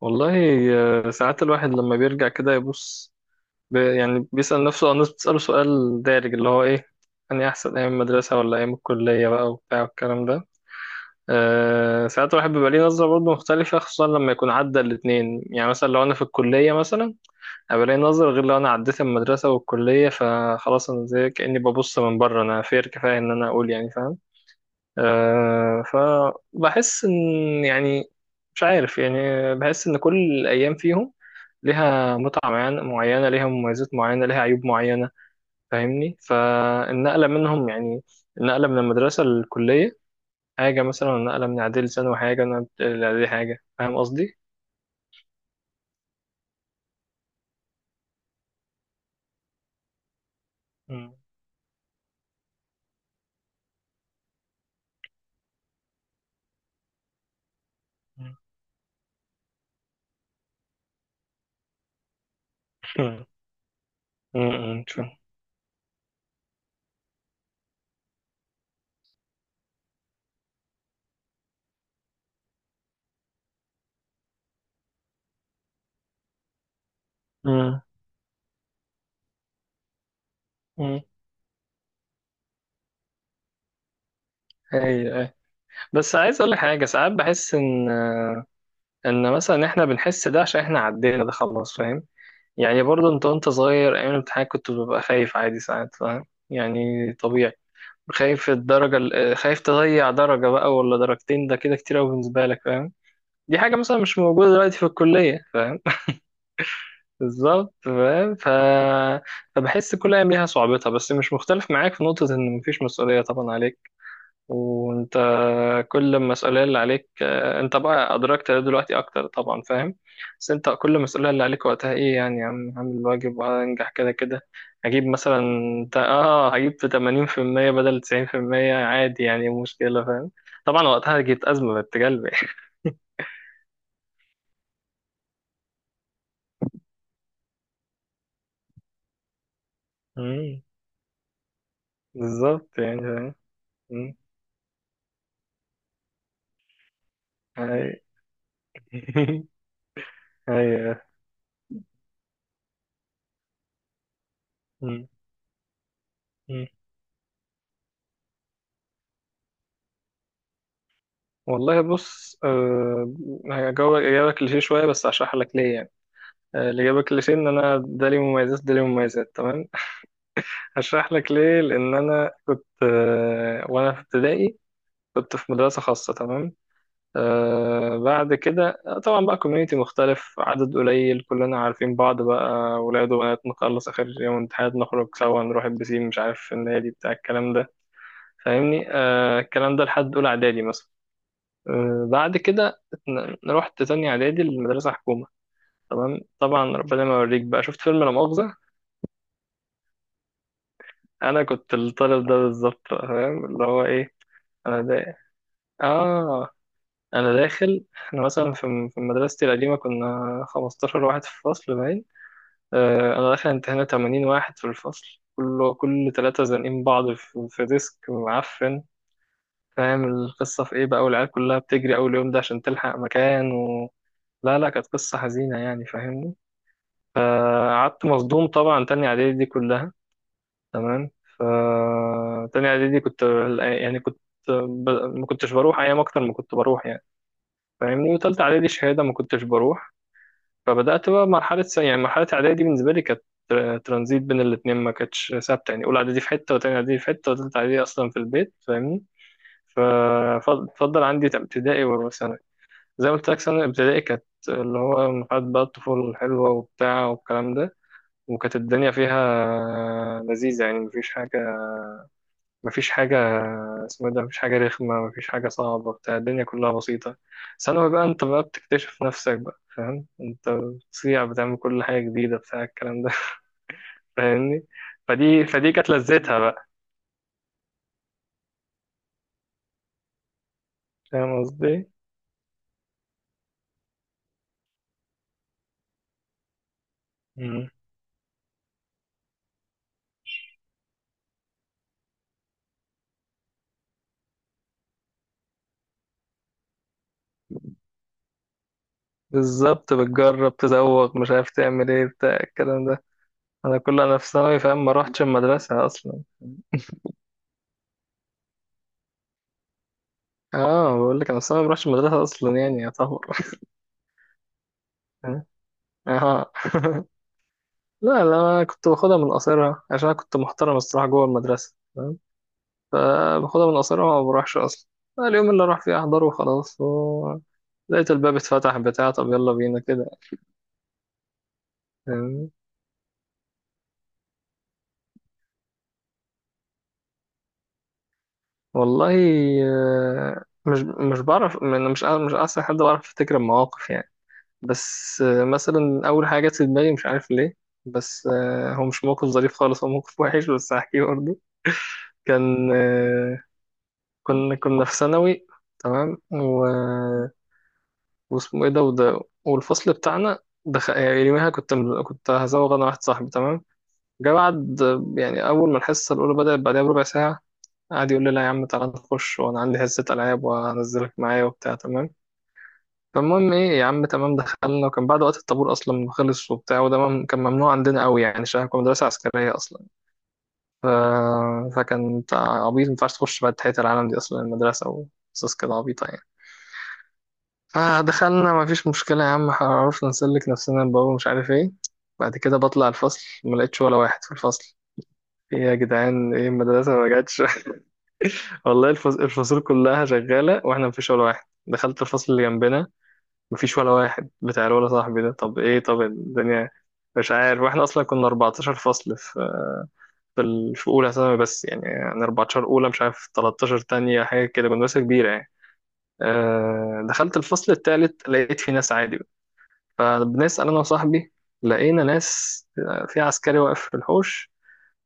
والله. ساعات الواحد لما بيرجع كده يبص، يعني بيسأل نفسه أو الناس بتسأله سؤال دارج اللي هو إيه، أني أحسن أيام المدرسة ولا أيام الكلية بقى وبتاع والكلام ده. ساعات الواحد بيبقى ليه نظرة برضه مختلفة خصوصا لما يكون عدى الاتنين. يعني مثلا لو أنا في الكلية مثلا هيبقى لي نظرة غير لو أنا عديت المدرسة والكلية، فخلاص أنا زي كأني ببص من بره، أنا فير كفاية إن أنا أقول يعني فاهم. فبحس إن، يعني مش عارف يعني، بحس إن كل الأيام فيهم ليها متعة معينة معينة، ليها مميزات معينة ليها عيوب معينة. فاهمني؟ فالنقلة منهم، يعني النقلة من المدرسة للكلية حاجة، مثلا النقلة من إعدادي لثانوي حاجة، والنقلة من إعدادي حاجة. فاهم قصدي؟ مم. مم. مم. شو- مم. مم. أيوة أيوة. بس عايز أقول لك حاجة، ساعات بحس إن، مثلا إحنا بنحس ده عشان إحنا عدينا ده خلاص. فاهم؟ يعني برضه أنت وأنت صغير أيام الامتحان كنت ببقى خايف عادي ساعات. فاهم؟ يعني طبيعي. خايف الدرجة ال- آه، خايف تضيع درجة بقى ولا درجتين، ده كده كتير أوي بالنسبة لك فاهم. دي حاجة مثلا مش موجودة دلوقتي في الكلية فاهم. بالظبط فاهم. فبحس كل أيام ليها صعوبتها، بس مش مختلف معاك في نقطة إن مفيش مسؤولية طبعا عليك. وانت كل المسؤولية اللي عليك، انت بقى ادركت ده دلوقتي اكتر طبعا فاهم. بس انت كل المسؤولية اللي عليك وقتها ايه؟ يعني عم هعمل الواجب وهنجح كده كده. هجيب مثلا، انت هجيب في 80% بدل 90% عادي، يعني مشكلة فاهم. طبعا وقتها جبت أزمة بنت كلب. مم. بالظبط يعني فاهم. مم. هاي. هاي. مم. مم. والله بص. هجاوبك إجابة كليشيه شوية، بس هشرح لك ليه يعني. الإجابة كليشيه إن أنا ده ليه مميزات، ده ليه مميزات، تمام. هشرح لك ليه. لأن أنا كنت، وأنا في ابتدائي كنت في مدرسة خاصة، تمام. بعد كده طبعا بقى كوميونيتي مختلف، عدد قليل كلنا عارفين بعض بقى، ولاد وبنات نخلص آخر يوم امتحانات نخرج سوا، نروح البسين مش عارف في النادي بتاع الكلام ده. فاهمني؟ الكلام ده لحد أولى إعدادي مثلا. بعد كده رحت تانية إعدادي المدرسة حكومة، تمام. طبعا ربنا ما يوريك بقى. شفت فيلم لا مؤاخذة؟ انا كنت الطالب ده بالظبط، فاهم اللي هو ايه؟ انا دا... اه، انا داخل، احنا مثلا في مدرستي القديمه كنا 15 واحد في الفصل باين. آه انا داخل امتحان 80 واحد في الفصل، كله كل ثلاثه زانقين بعض في ديسك معفن. فاهم القصه في ايه بقى؟ والعيال كلها بتجري اول يوم ده عشان تلحق مكان لا لا، كانت قصه حزينه يعني، فاهمني؟ فقعدت مصدوم طبعا، تاني اعدادي دي كلها. تمام. ف تاني اعدادي كنت، يعني كنت، ما كنتش بروح ايام اكتر ما كنت بروح يعني. فاهمني؟ وتالتة اعدادي شهاده ما كنتش بروح. فبدات بقى مرحله، يعني مرحله اعدادي بالنسبه لي كانت ترانزيت بين الاتنين، ما كانتش ثابته. يعني اولى اعدادي في حته، وتانية اعدادي في حته، وتالتة اعدادي اصلا في البيت، فاهمني؟ ففضل عندي ابتدائي وثانوي. زي ما قلت لك ثانوي ابتدائي كانت، اللي هو مرحله بقى الطفوله الحلوه وبتاع والكلام ده. وكانت الدنيا فيها لذيذه يعني، مفيش حاجه، مفيش حاجة اسمه إيه ده، مفيش حاجة رخمة، مفيش حاجة صعبة بتاع، الدنيا كلها بسيطة. ثانوي بقى انت بقى بتكتشف نفسك بقى فاهم، انت بتصيع، بتعمل كل حاجة جديدة بتاع الكلام ده. فاهمني؟ فدي كانت لذتها بقى. فاهم قصدي؟ مم. بالظبط، بتجرب تزوق، مش عارف تعمل ايه بتاع الكلام ده. انا في ثانوي فاهم ما روحتش المدرسة اصلا. اه، بقول لك انا في ثانوي ما روحتش المدرسة اصلا، يعني يعتبر. اه. لا لا، أنا كنت باخدها من قصيرها عشان أنا كنت محترم الصراحة جوه المدرسة، تمام. فباخدها من قصيرها وما بروحش أصلا. اليوم اللي راح فيه أحضره وخلاص لقيت الباب اتفتح بتاع، طب يلا بينا كده. فاهمني؟ والله. مش بعرف، أنا مش أحسن حد بعرف أفتكر المواقف يعني. بس، مثلا أول حاجة جت في دماغي مش عارف ليه. بس هو مش موقف ظريف خالص، هو موقف وحش بس هحكيه برضه. كان آه، كنا في ثانوي، تمام. واسمه ايه ده، وده والفصل بتاعنا، دخل. يعني يوميها كنت، كنت هزوغ انا واحد صاحبي، تمام. جه بعد، يعني اول ما الحصه الاولى بدات بعدها بربع ساعه، قعد يقول لي لا يا عم تعالى نخش، وانا عندي حصه العاب وهنزلك معايا وبتاع، تمام. فالمهم ايه يا عم، تمام دخلنا، وكان بعد وقت الطابور اصلا خلص وبتاع، وده كان ممنوع عندنا قوي يعني عشان كنا مدرسه عسكريه اصلا. ف... فكان بتاع، عبيط ما ينفعش تخش بعد تحيه العالم دي اصلا المدرسه، وقصص كده عبيطه يعني. فدخلنا مفيش مشكلة يا عم، عرفنا نسلك نفسنا الباب مش عارف ايه. بعد كده بطلع الفصل ما لقيتش ولا واحد في الفصل. ايه يا جدعان، ايه المدرسة ما جاتش؟ والله، الفصول كلها شغالة واحنا مفيش ولا واحد. دخلت الفصل اللي جنبنا، مفيش ولا واحد بتاع، ولا صاحبي ده. طب ايه؟ طب الدنيا مش عارف. واحنا اصلا كنا 14 فصل في، في اولى ثانوي بس يعني، 14 اولى، مش عارف 13 تانية حاجة كده، كنا مدرسة كبيرة يعني. أه، دخلت الفصل التالت لقيت في ناس عادي. فبنسأل أنا وصاحبي. لقينا ناس، في عسكري واقف في الحوش،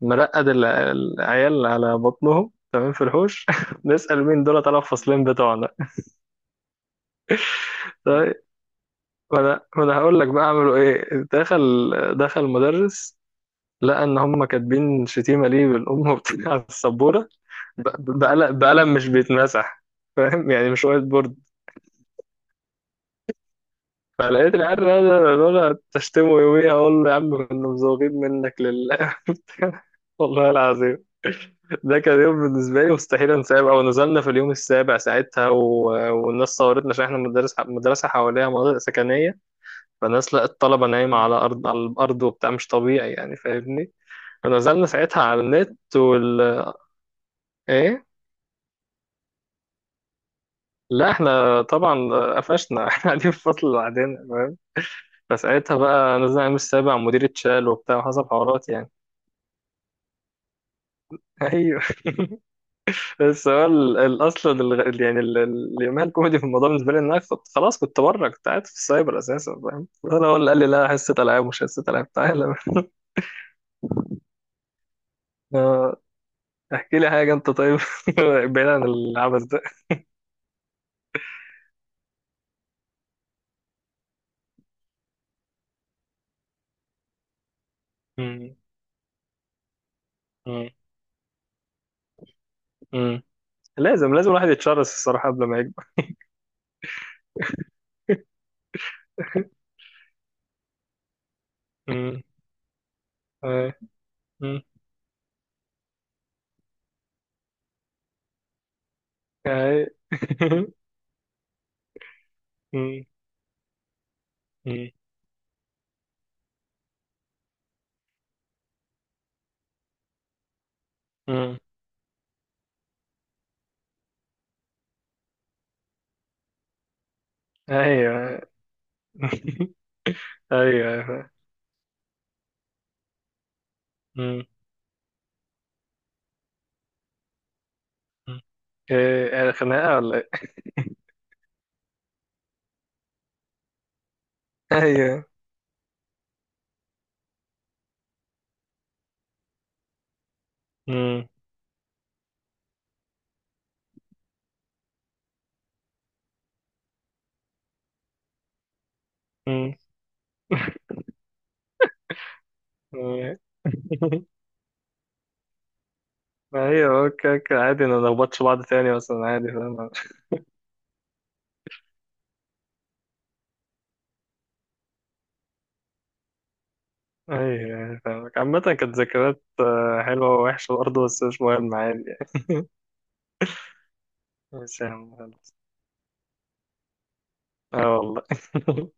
مرقد العيال على بطنهم، تمام، في الحوش. نسأل مين دول، طلع الفصلين بتوعنا. طيب، وأنا هقول لك بقى عملوا إيه. دخل، دخل المدرس، لقى إن هم كاتبين شتيمة ليه بالأم وبتاع على السبورة، بقلم مش بيتمسح، فاهم يعني مش وايت بورد. فلقيت العيال دول تشتمه يوميها. أقول له يا عم كنا مزوغين منك لله. والله العظيم، ده كان يوم بالنسبة لي مستحيل انساه بقى. ونزلنا في اليوم السابع ساعتها والناس صورتنا عشان احنا مدرسة حواليها مناطق سكنية. فالناس لقت الطلبة نايمة على الأرض وبتاع، مش طبيعي يعني فاهمني. فنزلنا ساعتها على النت ايه، لا احنا طبعا قفشنا. احنا قاعدين في فصل لوحدنا فاهم. فساعتها بقى نزلنا اليوم السابع، مدير اتشال وبتاع وحصل حوارات يعني. بس هو اصلا يعني اليوميها الكوميدي في الموضوع بالنسبه لي ان انا كنت خلاص، كنت بره، كنت قاعد في السايبر اساسا فاهم. انا هو اللي قال لي لا، حصه العاب، مش حصه العاب تعالى. آه، احكي لي حاجه انت طيب. بعيد عن العبث ده. مم. مم. مم. لازم لازم الواحد يتشرس الصراحه قبل ما يكبر. مم. آه. مم. آه. مم. مم. مم. ايوه. ايوه ايوه. مم. مم. إيه، خناقه ولا ايه؟ ايوه. مم. ما هي اوكي اوكي عادي، ما نخبطش بعض تاني مثلا عادي فاهم. ايوه، يعني فاهمك. عامة كانت ذكريات حلوة ووحشة برضه، بس مش مهم عادي يعني. بس يا عم خلاص. اه والله.